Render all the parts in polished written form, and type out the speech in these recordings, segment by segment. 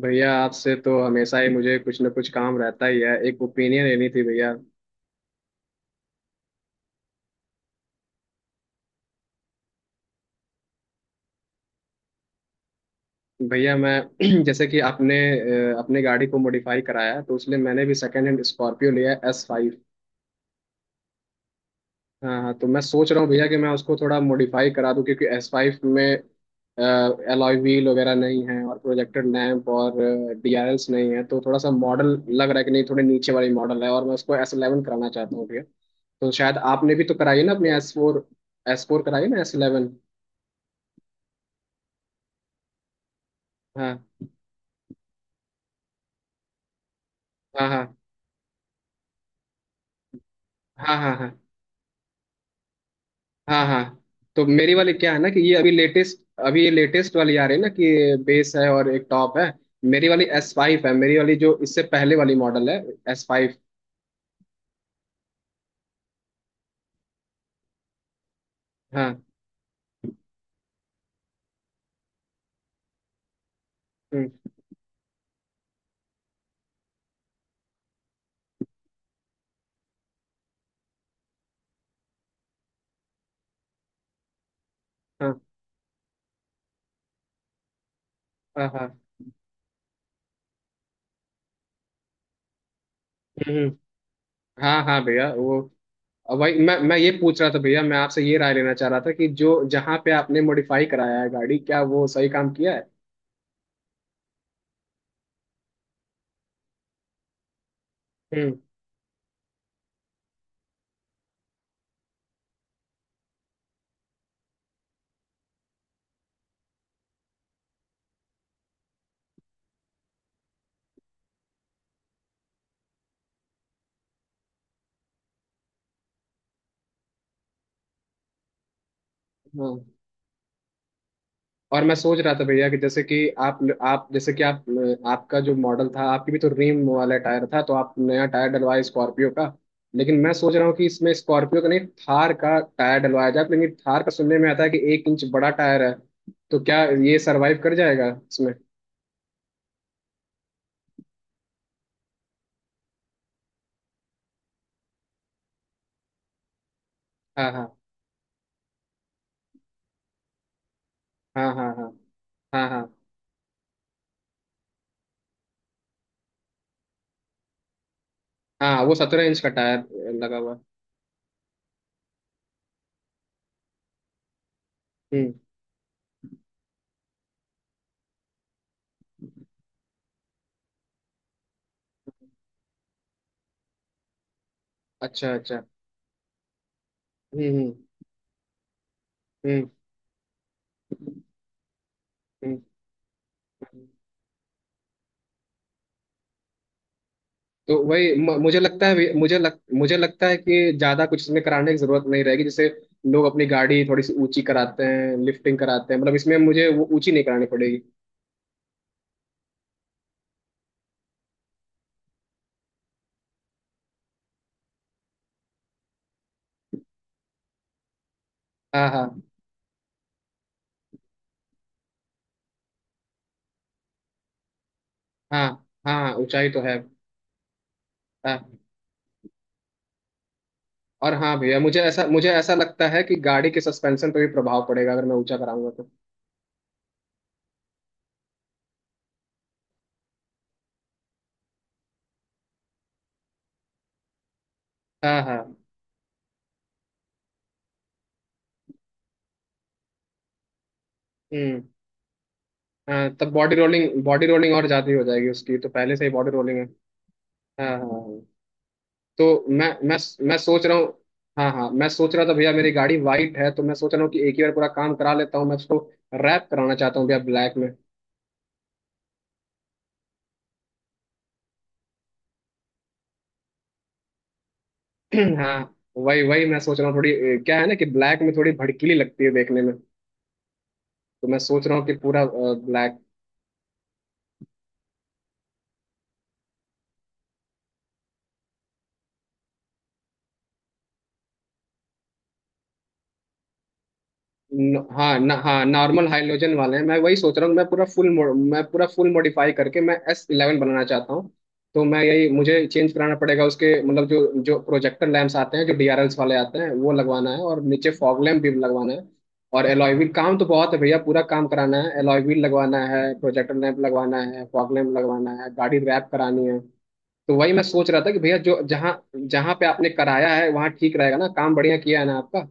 भैया, आपसे तो हमेशा ही मुझे कुछ ना कुछ काम रहता ही है। एक ओपिनियन लेनी थी भैया। भैया, मैं जैसे कि आपने अपने गाड़ी को मॉडिफाई कराया, तो उसलिए मैंने भी सेकेंड हैंड स्कॉर्पियो लिया है, एस फाइव। हाँ हाँ, तो मैं सोच रहा हूँ भैया कि मैं उसको थोड़ा मॉडिफाई करा दूँ, क्योंकि एस फाइव में एलॉय व्हील वगैरह नहीं है और प्रोजेक्टेड लैंप और डीआरएल्स नहीं है। तो थोड़ा सा मॉडल लग रहा है कि नहीं, थोड़े नीचे वाली मॉडल है और मैं उसको एस इलेवन कराना चाहता हूँ भैया। तो शायद आपने भी तो कराई है ना अपनी एस फोर? एस फोर कराई ना, एस इलेवन? हाँ हाँ। हाँ हाँ हाँ। हाँ हाँ, तो मेरी वाली क्या है ना कि ये अभी लेटेस्ट, अभी ये लेटेस्ट वाली आ रही है ना कि बेस है और एक टॉप है। मेरी वाली एस फाइव है, मेरी वाली जो इससे पहले वाली मॉडल है, एस फाइव। हाँ। हम्म। हाँ हाँ हाँ। हम्म। हम्म। हाँ हाँ भैया, वो अब भाई, मैं ये पूछ रहा था भैया, मैं आपसे ये राय लेना चाह रहा था कि जो जहाँ पे आपने मॉडिफाई कराया है गाड़ी, क्या वो सही काम किया है? हम्म। और मैं सोच रहा था भैया कि जैसे कि आप, आपका जो मॉडल था, आपकी भी तो रिम वाला टायर था, तो आप नया टायर डलवाए स्कॉर्पियो का। लेकिन मैं सोच रहा हूँ कि इसमें स्कॉर्पियो का नहीं, थार का टायर डलवाया जाए। लेकिन थार का सुनने में आता है कि 1 इंच बड़ा टायर है। तो क्या ये सरवाइव कर जाएगा इसमें? हाँ हाँ। हाँ हाँ। हाँ हाँ। हाँ, हाँ वो 17 इंच का टायर लगा हुआ है। हम्म। अच्छा अच्छा। हम्म। हम्म हम्म। हम्म। तो वही मुझे लगता है, मुझे लगता है कि ज्यादा कुछ इसमें कराने की जरूरत नहीं रहेगी। जैसे लोग अपनी गाड़ी थोड़ी सी ऊंची कराते हैं, लिफ्टिंग कराते हैं, मतलब इसमें मुझे वो ऊंची नहीं करानी पड़ेगी। हाँ हाँ। हाँ हाँ, ऊंचाई तो है। हाँ। और हाँ भैया, मुझे ऐसा लगता है कि गाड़ी के सस्पेंशन पे भी प्रभाव पड़ेगा अगर मैं ऊंचा कराऊंगा तो। हाँ हाँ। हम्म। हाँ, तब बॉडी रोलिंग, बॉडी रोलिंग और ज्यादा ही हो जाएगी उसकी, तो पहले से ही बॉडी रोलिंग है। हाँ हाँ हाँ। तो मैं सोच रहा हूँ। हाँ हाँ, मैं सोच रहा था भैया, मेरी गाड़ी वाइट है, तो मैं सोच रहा हूँ कि एक ही बार पूरा काम करा लेता हूँ। मैं उसको रैप कराना चाहता हूँ भैया, ब्लैक में। हाँ। वही वही मैं सोच रहा हूँ, थोड़ी क्या है ना कि ब्लैक में थोड़ी भड़कीली लगती है देखने में। तो मैं सोच रहा हूँ कि पूरा ब्लैक। हाँ, न, हाँ नॉर्मल हाइड्रोजन वाले हैं, मैं वही सोच रहा हूँ। मैं पूरा फुल मॉडिफाई करके मैं एस इलेवन बनाना चाहता हूँ। तो मैं यही, मुझे चेंज कराना पड़ेगा उसके, मतलब जो जो प्रोजेक्टर लैंप्स आते हैं, जो डीआरएल्स वाले आते हैं, वो लगवाना है, और नीचे फॉग लैम्प भी लगवाना है। और एलॉय व्हील, काम तो बहुत है भैया, पूरा काम कराना है। एलॉय व्हील लगवाना है, प्रोजेक्टर लैंप लगवाना है, फॉग लैम्प लगवाना है, गाड़ी रैप करानी है। तो वही मैं सोच रहा था कि भैया, जो जहाँ जहाँ पे आपने कराया है, वहाँ ठीक रहेगा ना? काम बढ़िया किया है ना आपका?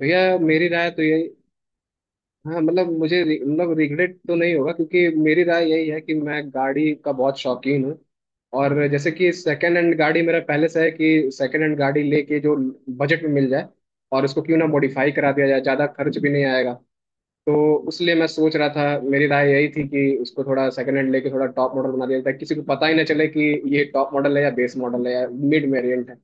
भैया मेरी राय तो यही। हाँ, मतलब मतलब रिग्रेट तो नहीं होगा, क्योंकि मेरी राय यही है कि मैं गाड़ी का बहुत शौकीन हूँ। और जैसे कि सेकंड हैंड गाड़ी, मेरा पहले से है कि सेकंड हैंड गाड़ी लेके जो बजट में मिल जाए, और उसको क्यों ना मॉडिफाई करा दिया जाए, ज़्यादा खर्च भी नहीं आएगा, तो उसलिए मैं सोच रहा था। मेरी राय यही थी कि उसको थोड़ा सेकंड हैंड लेके थोड़ा टॉप मॉडल बना दिया जाए, किसी को पता ही ना चले कि ये टॉप मॉडल है या बेस मॉडल है या मिड वेरिएंट है।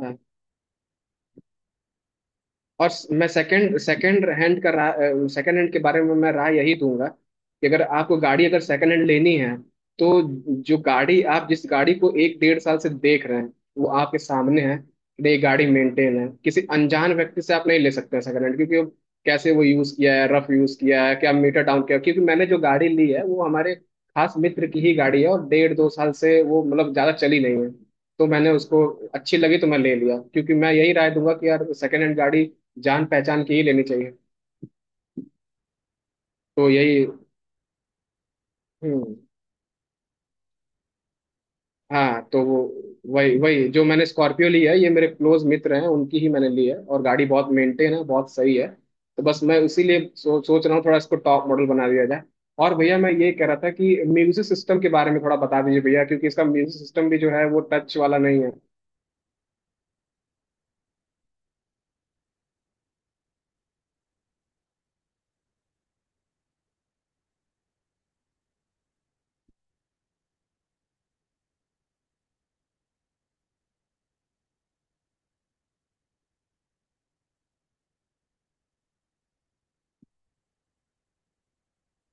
हाँ। और मैं सेकंड सेकंड हैंड का राय, सेकंड हैंड के बारे में मैं राय यही दूंगा कि अगर आपको गाड़ी, अगर सेकंड हैंड लेनी है, तो जो गाड़ी आप, जिस गाड़ी को एक डेढ़ साल से देख रहे हैं वो आपके सामने है। ये गाड़ी मेंटेन है, किसी अनजान व्यक्ति से आप नहीं ले सकते हैं सेकंड हैंड, क्योंकि वो कैसे, वो यूज किया है, रफ यूज किया है, क्या मीटर डाउन किया है। क्योंकि मैंने जो गाड़ी ली है, वो हमारे खास मित्र की ही गाड़ी है, और डेढ़ दो साल से वो मतलब ज्यादा चली नहीं है। तो मैंने उसको, अच्छी लगी तो मैं ले लिया, क्योंकि मैं यही राय दूंगा कि यार, सेकंड हैंड गाड़ी जान पहचान की ही लेनी चाहिए। तो यही। हम्म। हाँ, तो वो वही वही, जो मैंने स्कॉर्पियो ली है, ये मेरे क्लोज मित्र हैं, उनकी ही मैंने ली है, और गाड़ी बहुत मेंटेन है, बहुत सही है। तो बस मैं इसीलिए सोच रहा हूँ, थोड़ा इसको टॉप मॉडल बना दिया जाए। और भैया मैं ये कह रहा था कि म्यूजिक सिस्टम के बारे में थोड़ा बता दीजिए भैया, क्योंकि इसका म्यूजिक सिस्टम भी जो है वो टच वाला नहीं है।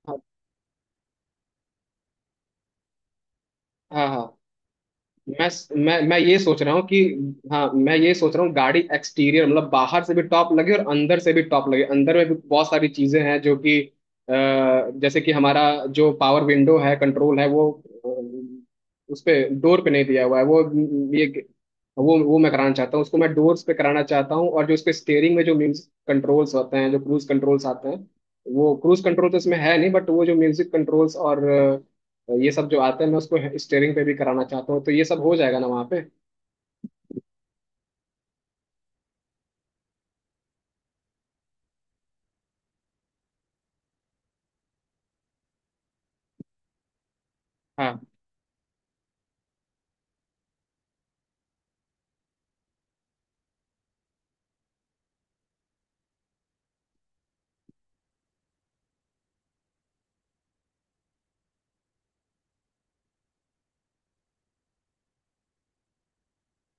हाँ हाँ हाँ। मैं मैं ये सोच रहा हूँ कि, हाँ मैं ये सोच रहा हूँ गाड़ी एक्सटीरियर मतलब बाहर से भी टॉप लगे और अंदर से भी टॉप लगे। अंदर में भी बहुत सारी चीजें हैं जो कि अ, जैसे कि हमारा जो पावर विंडो है, कंट्रोल है वो, उस पे डोर पे नहीं दिया हुआ है वो। ये वो मैं कराना चाहता हूँ, उसको मैं डोर्स पे कराना चाहता हूँ। और जो उसके स्टेयरिंग में जो म्यूजिक कंट्रोल्स होते हैं, जो क्रूज कंट्रोल्स आते हैं, वो क्रूज कंट्रोल तो इसमें है नहीं, बट वो जो म्यूजिक कंट्रोल्स और ये सब जो आता है, मैं उसको स्टेयरिंग पे भी कराना चाहता हूँ। तो ये सब हो जाएगा ना वहाँ पे? हाँ।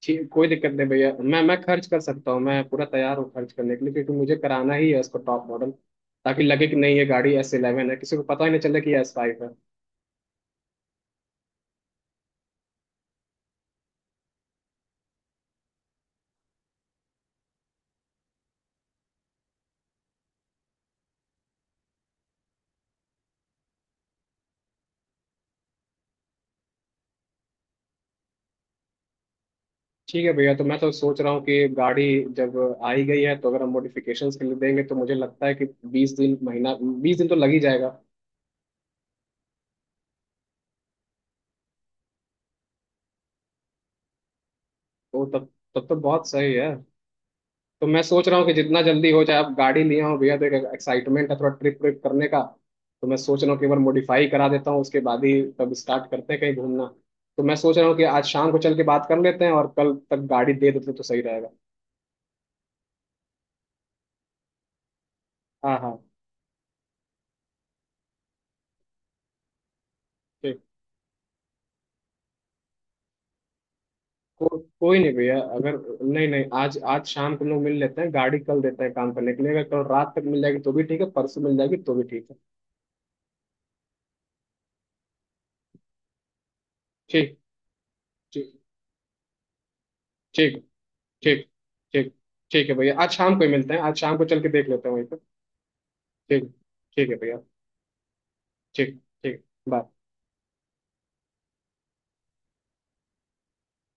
ठीक, कोई दिक्कत नहीं भैया, मैं खर्च कर सकता हूँ, मैं पूरा तैयार हूँ खर्च करने के लिए, क्योंकि मुझे कराना ही है उसको टॉप मॉडल, ताकि लगे कि नहीं, ये गाड़ी एस इलेवन है, किसी को पता ही नहीं चले कि ये एस फाइव है। ठीक है भैया, तो मैं तो सोच रहा हूँ कि गाड़ी जब आई गई है, तो अगर हम मॉडिफिकेशंस के लिए देंगे तो मुझे लगता है कि 20 दिन, महीना 20 दिन तो लग ही जाएगा। तो तब तब तो बहुत सही है। तो मैं सोच रहा हूँ कि जितना जल्दी हो जाए, अब गाड़ी लिया हूँ भैया तो एक एक्साइटमेंट है थोड़ा ट्रिप ट्रिप करने का। तो मैं सोच रहा हूँ कि एक बार मॉडिफाई करा देता हूँ, उसके बाद ही तब स्टार्ट करते हैं कहीं घूमना। तो मैं सोच रहा हूँ कि आज शाम को चल के बात कर लेते हैं, और कल तक गाड़ी दे देते तो सही रहेगा। हाँ हाँ। ठीक, को, कोई नहीं भैया, अगर नहीं नहीं, आज आज शाम को हम लोग मिल लेते हैं, गाड़ी कल देते हैं काम करने के लिए। अगर कल रात तक मिल जाएगी तो भी ठीक है, परसों मिल जाएगी तो भी ठीक है। ठीक। ठीक। ठीक। ठीक। ठीक। ठीक है भैया, आज शाम को ही मिलते हैं, आज शाम को चल के देख लेते हैं वहीं पर। ठीक। ठीक है भैया। ठीक ठीक। बाय।